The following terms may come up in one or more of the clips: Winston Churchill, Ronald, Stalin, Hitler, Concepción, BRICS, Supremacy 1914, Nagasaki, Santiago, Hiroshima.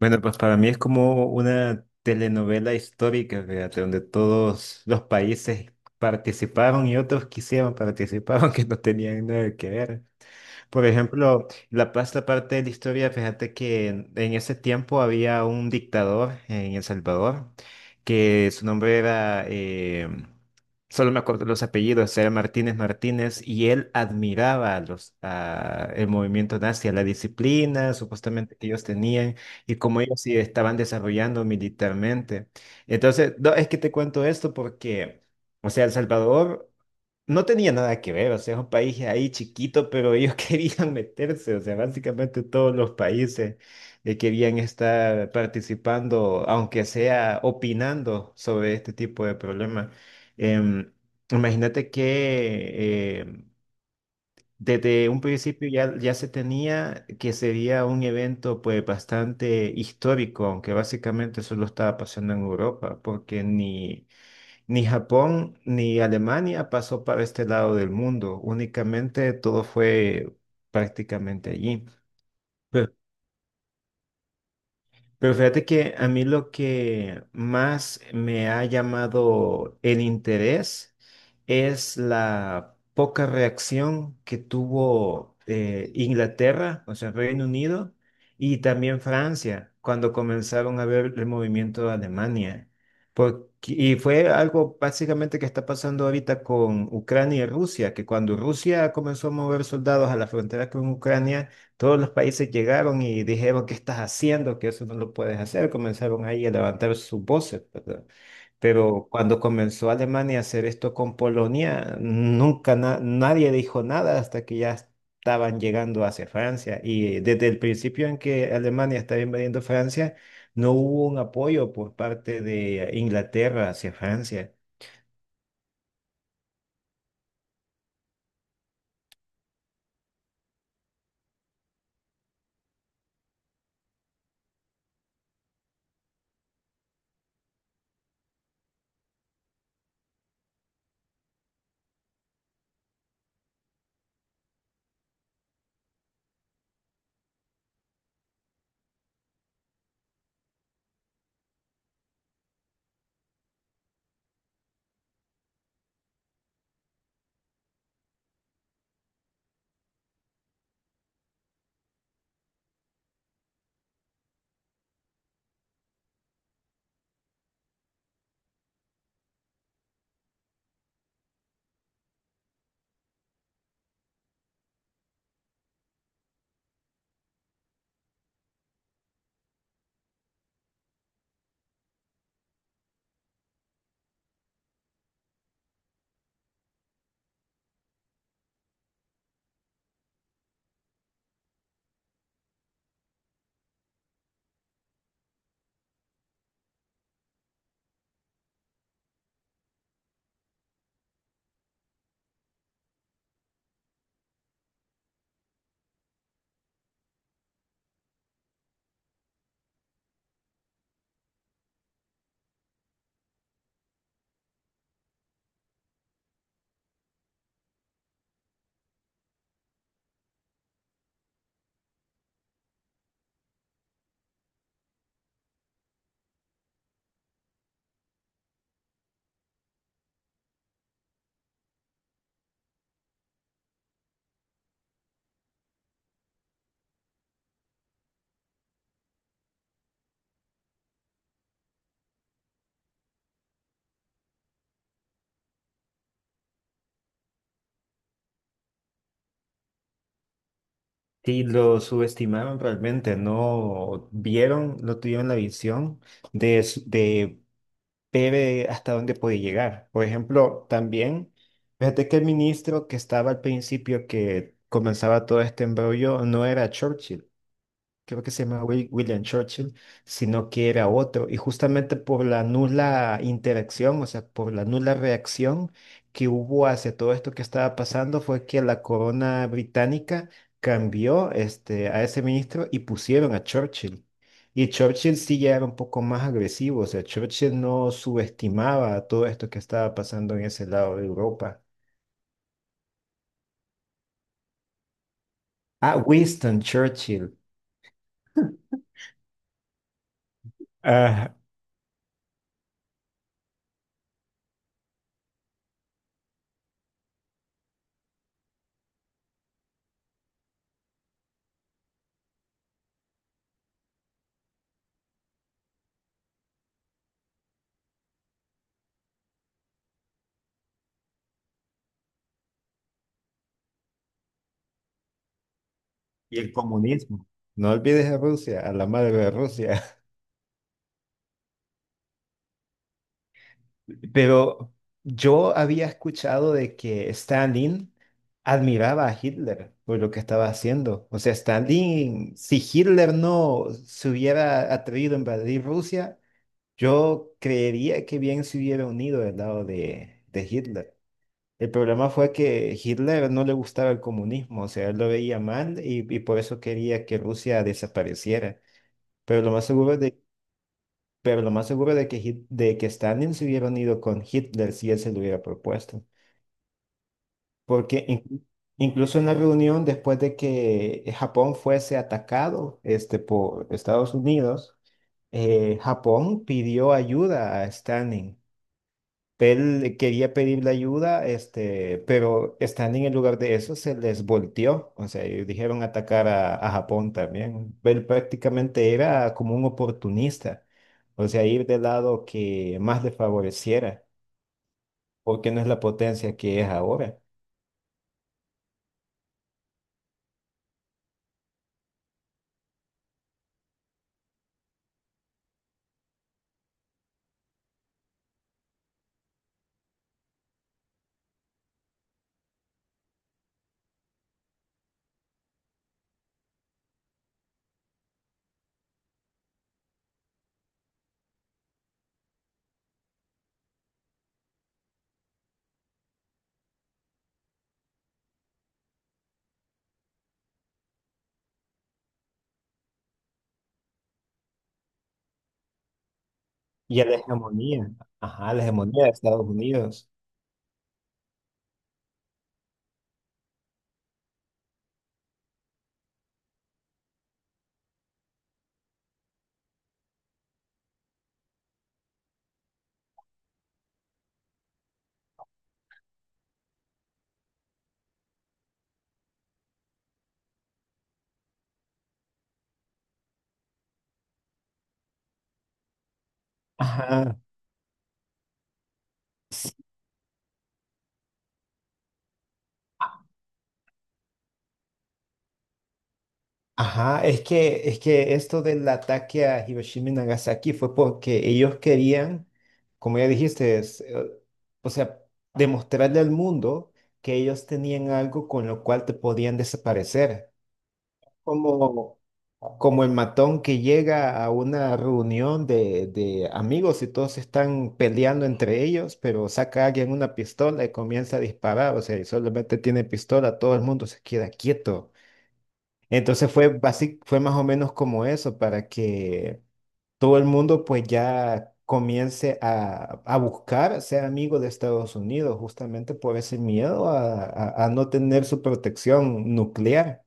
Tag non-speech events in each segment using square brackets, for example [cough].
Bueno, pues para mí es como una telenovela histórica, fíjate, donde todos los países participaron y otros quisieron participar, [laughs] aunque no tenían nada que ver. Por ejemplo, La Paz, la parte de la historia, fíjate que en ese tiempo había un dictador en El Salvador, que su nombre era, solo me acuerdo los apellidos, era Martínez Martínez, y él admiraba a el movimiento nazi, a la disciplina supuestamente que ellos tenían, y cómo ellos se estaban desarrollando militarmente. Entonces, no, es que te cuento esto porque, o sea, El Salvador no tenía nada que ver, o sea, es un país ahí chiquito, pero ellos [laughs] querían meterse, o sea, básicamente todos los países querían estar participando, aunque sea opinando sobre este tipo de problemas. Em, imagínate que desde un principio ya se tenía que sería un evento pues bastante histórico, aunque básicamente solo estaba pasando en Europa, porque ni... ni Japón ni Alemania pasó para este lado del mundo, únicamente todo fue prácticamente allí. Pero fíjate que a mí lo que más me ha llamado el interés es la poca reacción que tuvo Inglaterra, o sea, Reino Unido, y también Francia, cuando comenzaron a ver el movimiento de Alemania. Porque- y fue algo básicamente que está pasando ahorita con Ucrania y Rusia, que cuando Rusia comenzó a mover soldados a la frontera con Ucrania, todos los países llegaron y dijeron, ¿qué estás haciendo? Que eso no lo puedes hacer. Comenzaron ahí a levantar sus voces, ¿verdad? Pero cuando comenzó Alemania a hacer esto con Polonia, nunca na- nadie dijo nada hasta que ya estaban llegando hacia Francia. Y desde el principio en que Alemania estaba invadiendo Francia, no hubo un apoyo por parte de Inglaterra hacia Francia. Sí, lo subestimaron realmente, no vieron, no tuvieron la visión de ve ve hasta dónde puede llegar. Por ejemplo, también, fíjate que el ministro que estaba al principio que comenzaba todo este embrollo no era Churchill, creo que se llamaba William Churchill, sino que era otro. Y justamente por la nula interacción, o sea, por la nula reacción que hubo hacia todo esto que estaba pasando, fue que la corona británica cambió este, a ese ministro y pusieron a Churchill. Y Churchill sí ya era un poco más agresivo, o sea, Churchill no subestimaba todo esto que estaba pasando en ese lado de Europa. Ah, Winston Churchill. Ah, y el comunismo. No olvides a Rusia, a la madre de Rusia. Pero yo había escuchado de que Stalin admiraba a Hitler por lo que estaba haciendo. O sea, Stalin, si Hitler no se hubiera atrevido a invadir Rusia, yo creería que bien se hubiera unido del lado de Hitler. El problema fue que Hitler no le gustaba el comunismo, o sea, él lo veía mal y por eso quería que Rusia desapareciera. Pero lo más seguro es de pero lo más seguro de que Stalin se hubiera unido con Hitler si él se lo hubiera propuesto. Porque in- Incluso en la reunión, después de que Japón fuese atacado, este, por Estados Unidos, Japón pidió ayuda a Stalin, él quería pedirle ayuda, este, pero estando en el lugar de eso se les volteó, o sea, ellos dijeron atacar a Japón también. Él prácticamente era como un oportunista, o sea, ir del lado que más le favoreciera, porque no es la potencia que es ahora. Y a la hegemonía, ajá, la hegemonía de Estados Unidos. Ajá. Ajá, es que esto del ataque a Hiroshima y Nagasaki fue porque ellos querían, como ya dijiste, o sea, demostrarle al mundo que ellos tenían algo con lo cual te podían desaparecer. Como, como el matón que llega a una reunión de amigos y todos están peleando entre ellos, pero saca a alguien una pistola y comienza a disparar, o sea, y solamente tiene pistola, todo el mundo se queda quieto. Entonces fue más o menos como eso, para que todo el mundo pues ya comience a buscar ser amigo de Estados Unidos, justamente por ese miedo a no tener su protección nuclear.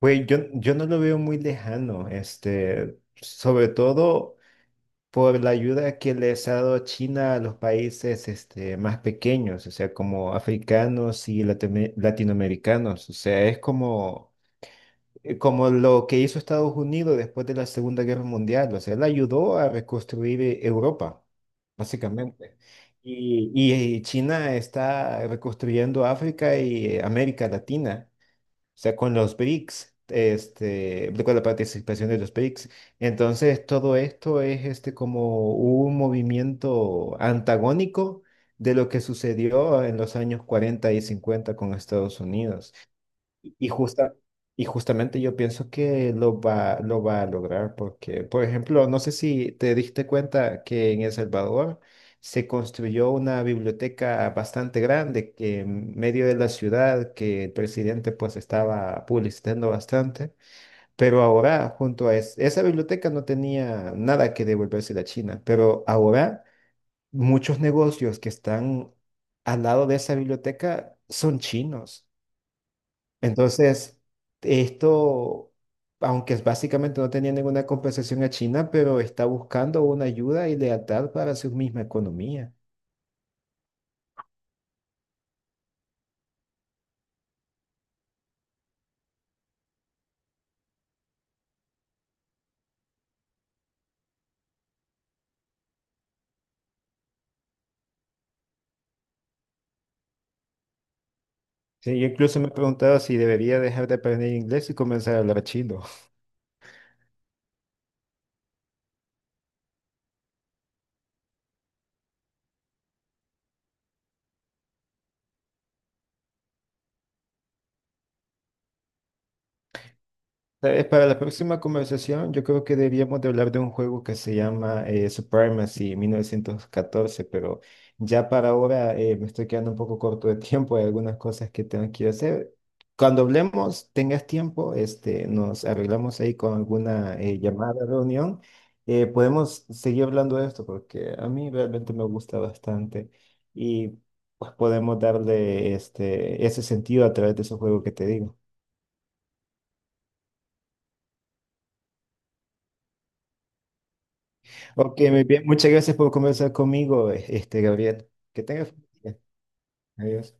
Pues yo no lo veo muy lejano, este, sobre todo por la ayuda que les ha dado China a los países, este, más pequeños, o sea, como africanos y latinoamericanos. O sea, es como como lo que hizo Estados Unidos después de la Segunda Guerra Mundial. O sea, él ayudó a reconstruir Europa, básicamente. Y China está reconstruyendo África y América Latina, o sea, con los BRICS, este, con la participación de los BRICS. Entonces, todo esto es este, como un movimiento antagónico de lo que sucedió en los años 40 y 50 con Estados Unidos. Y, justa, y justamente yo pienso que lo va a lograr porque, por ejemplo, no sé si te diste cuenta que en El Salvador se construyó una biblioteca bastante grande que en medio de la ciudad, que el presidente pues estaba publicitando bastante, pero ahora junto a esa biblioteca no tenía nada que devolverse a China, pero ahora muchos negocios que están al lado de esa biblioteca son chinos. Entonces, esto, aunque es básicamente no tenía ninguna compensación a China, pero está buscando una ayuda y lealtad para su misma economía. Sí, yo incluso me he preguntado si debería dejar de aprender inglés y comenzar a hablar chino. Para la próxima conversación, yo creo que debíamos de hablar de un juego que se llama Supremacy 1914, pero ya para ahora me estoy quedando un poco corto de tiempo, hay algunas cosas que tengo que ir a hacer. Cuando hablemos, tengas tiempo, este, nos arreglamos ahí con alguna llamada, reunión, podemos seguir hablando de esto porque a mí realmente me gusta bastante y pues podemos darle este, ese sentido a través de ese juego que te digo. Ok, muy bien. Muchas gracias por conversar conmigo, este, Gabriel. Que tengas buen día. Adiós.